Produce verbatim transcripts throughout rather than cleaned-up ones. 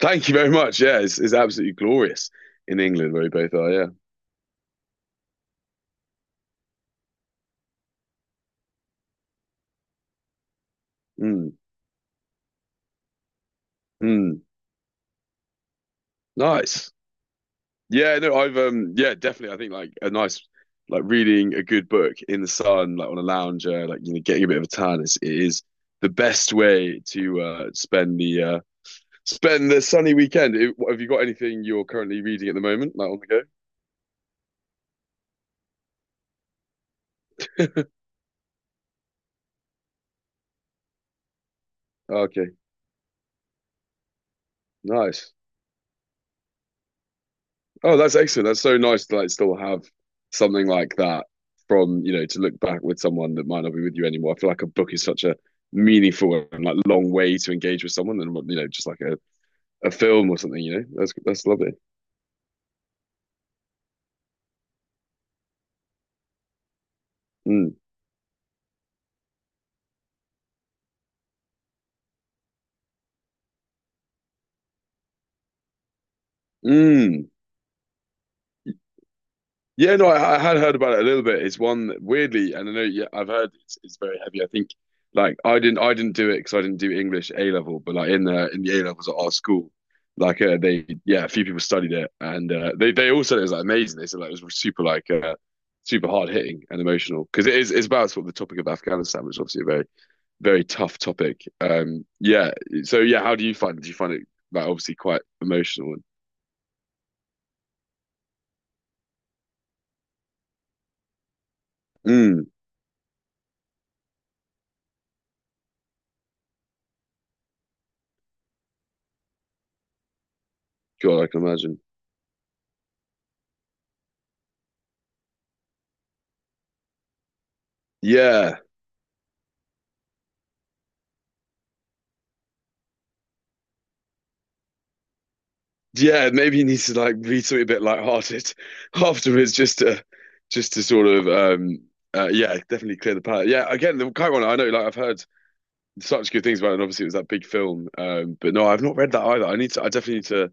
Thank you very much. Yeah, it's, it's absolutely glorious in England where we both are. Yeah. Mm, mm. Nice. Yeah, no, I've um yeah, definitely. I think like a nice like reading a good book in the sun, like on a lounger, like you know, getting a bit of a tan is it is the best way to uh spend the uh spend the sunny weekend. Have you got anything you're currently reading at the moment, like on the go? Okay, nice. Oh, that's excellent. That's so nice to like still have something like that from, you know, to look back with someone that might not be with you anymore. I feel like a book is such a meaningful and like long way to engage with someone and you know, just like a, a film or something, you know. That's that's lovely. Mm. Mm. Yeah, no, I, I had heard about it a little bit. It's one that weirdly, and I know yeah, I've heard it's, it's very heavy. I think like I didn't I didn't do it because I didn't do English A level, but like in the in the A levels at our school, like uh, they yeah, a few people studied it and uh, they they all said it was like amazing. They said like it was super like uh, super hard hitting and emotional because it is it's about sort of the topic of Afghanistan, which is obviously a very very tough topic. Um, yeah. So yeah, how do you find it? Do you find it like obviously quite emotional? And, mm, God, I can imagine. Yeah. Yeah, maybe he needs to like be something a bit lighthearted afterwards, just to just to sort of um uh, yeah, definitely clear the palate. Yeah, again, the Kite Runner, I know like I've heard such good things about it, and obviously it was that big film. Um, but no, I've not read that either. I need to I definitely need to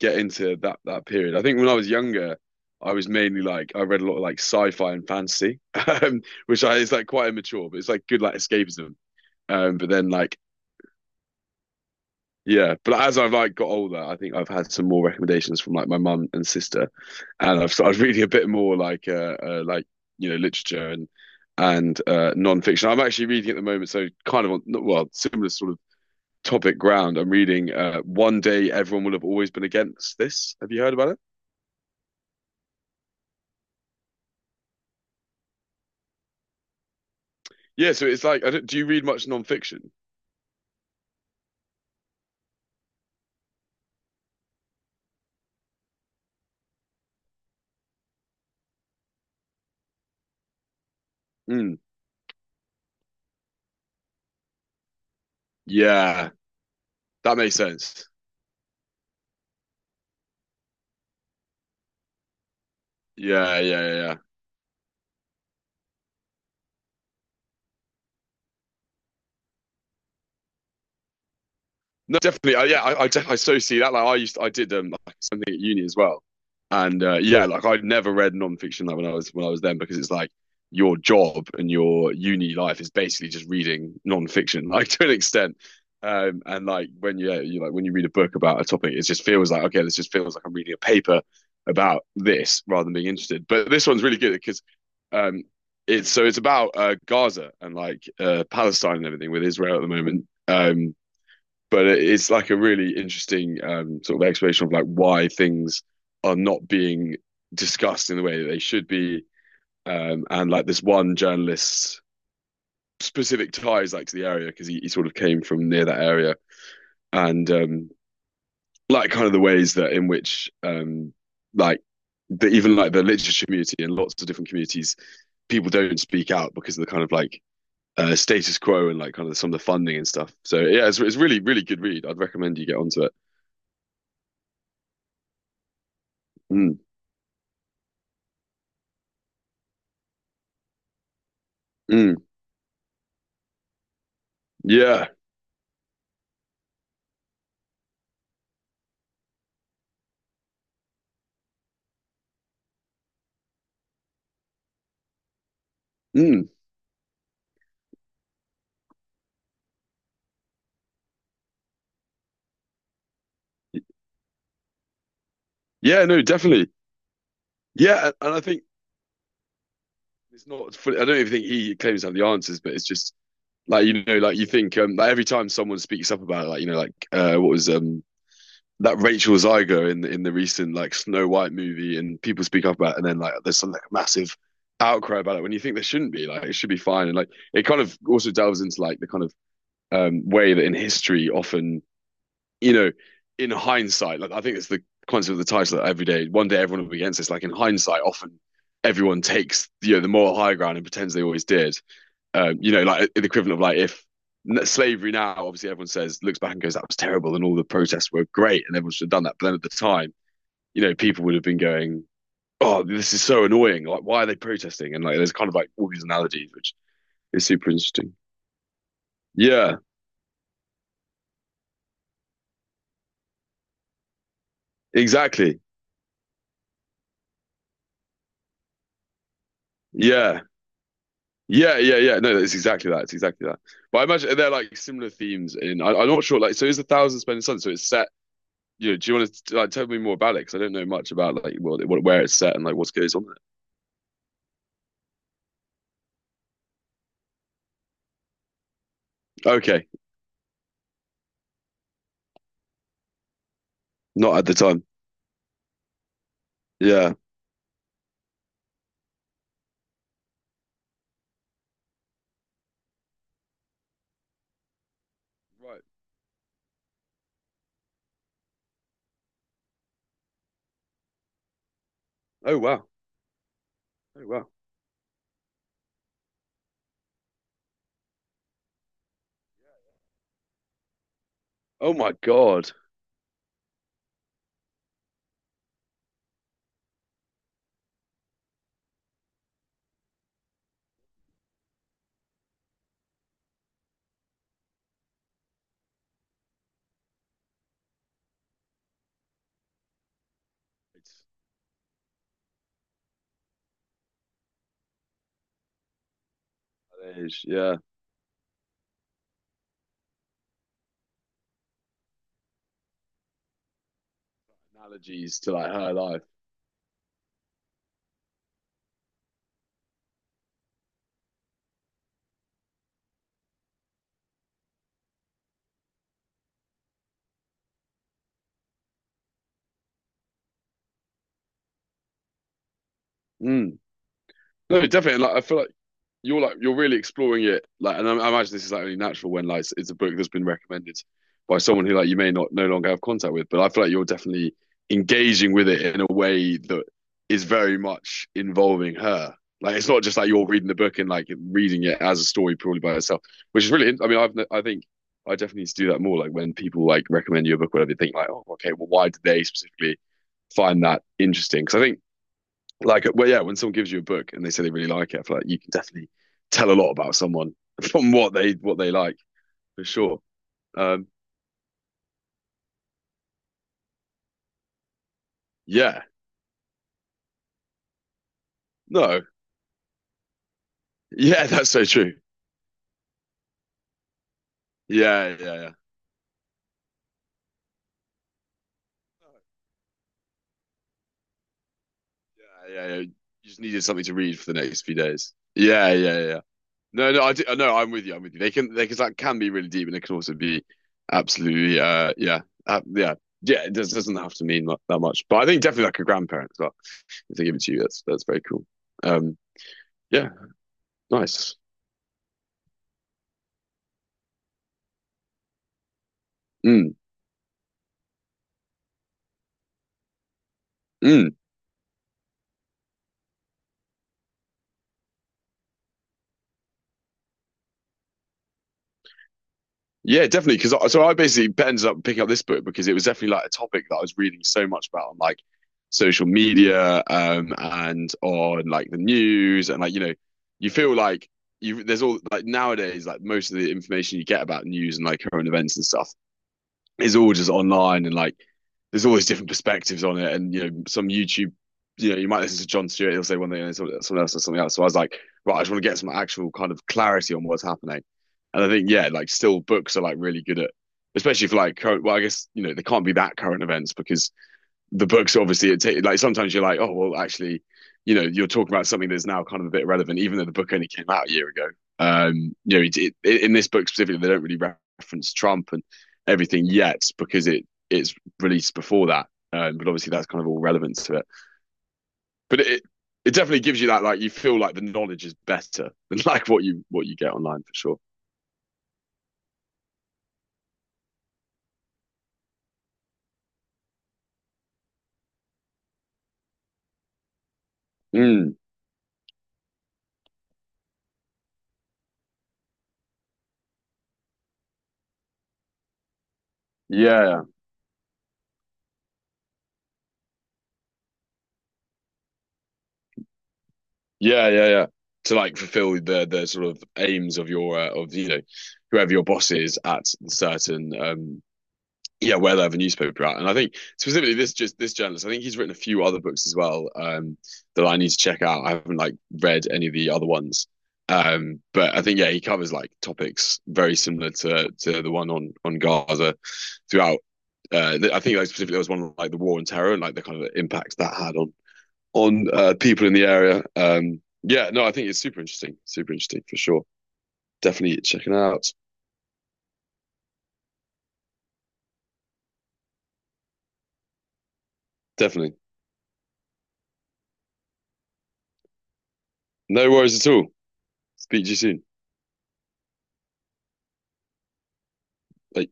get into that that period. I think when I was younger, I was mainly like I read a lot of like sci-fi and fantasy, um, which I is like quite immature, but it's like good like escapism. Um, but then like yeah, but as I've like got older, I think I've had some more recommendations from like my mum and sister and I've started reading a bit more like uh, uh like you know literature and and uh non-fiction. I'm actually reading at the moment, so kind of on well similar sort of topic ground. I'm reading uh One Day Everyone Will Have Always Been Against This. Have you heard about it? Yeah, so it's like I don't, do you read much non-fiction? Mm, yeah, that makes sense. Yeah, yeah, yeah, yeah. No, definitely. Uh, yeah, I, I, I so see that. Like I used to, I did um, like something at uni as well, and uh, yeah, like I'd never read nonfiction like when I was when I was then because it's like your job and your uni life is basically just reading nonfiction, like to an extent. Um, and like when you, yeah, you like when you read a book about a topic, it just feels like okay, this just feels like I'm reading a paper about this rather than being interested. But this one's really good because um, it's so it's about uh, Gaza and like uh, Palestine and everything with Israel at the moment. Um, but it's like a really interesting um, sort of explanation of like why things are not being discussed in the way that they should be. Um, and like this one journalist's specific ties like to the area because he, he sort of came from near that area and um, like kind of the ways that in which um, like the, even like the literature community and lots of different communities people don't speak out because of the kind of like uh, status quo and like kind of some of the funding and stuff. So yeah, it's, it's really really good read. I'd recommend you get onto it. Mm, mm. Yeah. Mm. Yeah, no, definitely. Yeah, and and I think it's not fully, I don't even think he claims to have the answers, but it's just like you know, like you think um like every time someone speaks up about it, like you know, like uh what was um that Rachel Ziegler in the in the recent like Snow White movie and people speak up about it and then like there's some like massive outcry about it when you think there shouldn't be, like it should be fine. And like it kind of also delves into like the kind of um way that in history often you know, in hindsight, like I think it's the concept of the title that every day, one day everyone will be against this. Like in hindsight, often everyone takes you know the moral high ground and pretends they always did. Um, you know, like the equivalent of like if slavery now, obviously everyone says looks back and goes that was terrible and all the protests were great and everyone should have done that. But then at the time, you know, people would have been going, oh, this is so annoying. Like why are they protesting? And like there's kind of like all these analogies, which is super interesting. Yeah, exactly. Yeah. Yeah, yeah, yeah. No, it's exactly that. It's exactly that. But I imagine they're like similar themes in. I, I'm not sure. Like, so is a Thousand Splendid Suns? So it's set. You know, do you want to like tell me more about it? Because I don't know much about like what, what where it's set and like what goes on there. Okay, not at the time. Yeah. Right. Oh wow. Oh wow. Oh my God. It's that age. Yeah. Analogies to like her life. Mm. No, definitely. Like I feel like you're like you're really exploring it like and I, I imagine this is like only natural when like it's, it's a book that's been recommended by someone who like you may not no longer have contact with, but I feel like you're definitely engaging with it in a way that is very much involving her. Like it's not just like you're reading the book and like reading it as a story purely by itself, which is really. I mean I've I think I definitely need to do that more, like when people like recommend you a book, whatever, they think like, oh, okay, well, why did they specifically find that interesting? Because I think like, well, yeah, when someone gives you a book and they say they really like it, I feel like you can definitely tell a lot about someone from what they what they like for sure. um yeah, no yeah, that's so true. Yeah, yeah, yeah, yeah, yeah, yeah, you just needed something to read for the next few days. Yeah, yeah, yeah, yeah. No, no, I do, no, I'm with you, I'm with you, they can they can, that can be really deep and it can also be absolutely uh yeah, uh, yeah. Yeah it does, doesn't have to mean mu- that much, but I think definitely like a grandparent as well, if they give it to you, that's that's very cool. um yeah, nice. Mm, mm. Yeah, definitely. Because I, so I basically ended up picking up this book because it was definitely like a topic that I was reading so much about on like social media um, and on like the news and like you know, you feel like you there's all like nowadays like most of the information you get about news and like current events and stuff, it's all just online and like there's always different perspectives on it. And you know, some YouTube, you know, you might listen to John Stewart, he'll say one thing and someone someone else or something else. So I was like, right, I just want to get some actual kind of clarity on what's happening. And I think, yeah, like still books are like really good at, especially for like current. Well, I guess you know they can't be that current events because the books obviously it take, like sometimes you're like oh well actually you know you're talking about something that's now kind of a bit irrelevant even though the book only came out a year ago. um you know it, it, in this book specifically they don't really reference Trump and everything yet because it it's released before that. um, but obviously that's kind of all relevance to it. But it it definitely gives you that like you feel like the knowledge is better than like what you what you get online for sure. Mm, yeah. Yeah, yeah, yeah. To like fulfill the the sort of aims of your uh, of you know whoever your boss is at the certain um yeah where they have a newspaper at. And I think specifically this just this journalist, I think he's written a few other books as well um that I need to check out. I haven't like read any of the other ones. Um, but I think yeah, he covers like topics very similar to to the one on on Gaza throughout. Uh, I think like, specifically there was one on, like the war on terror and like the kind of impact that had on on uh, people in the area. Um, yeah, no, I think it's super interesting. Super interesting for sure. Definitely check it out. Definitely. No worries at all. Speak to you soon. Bye.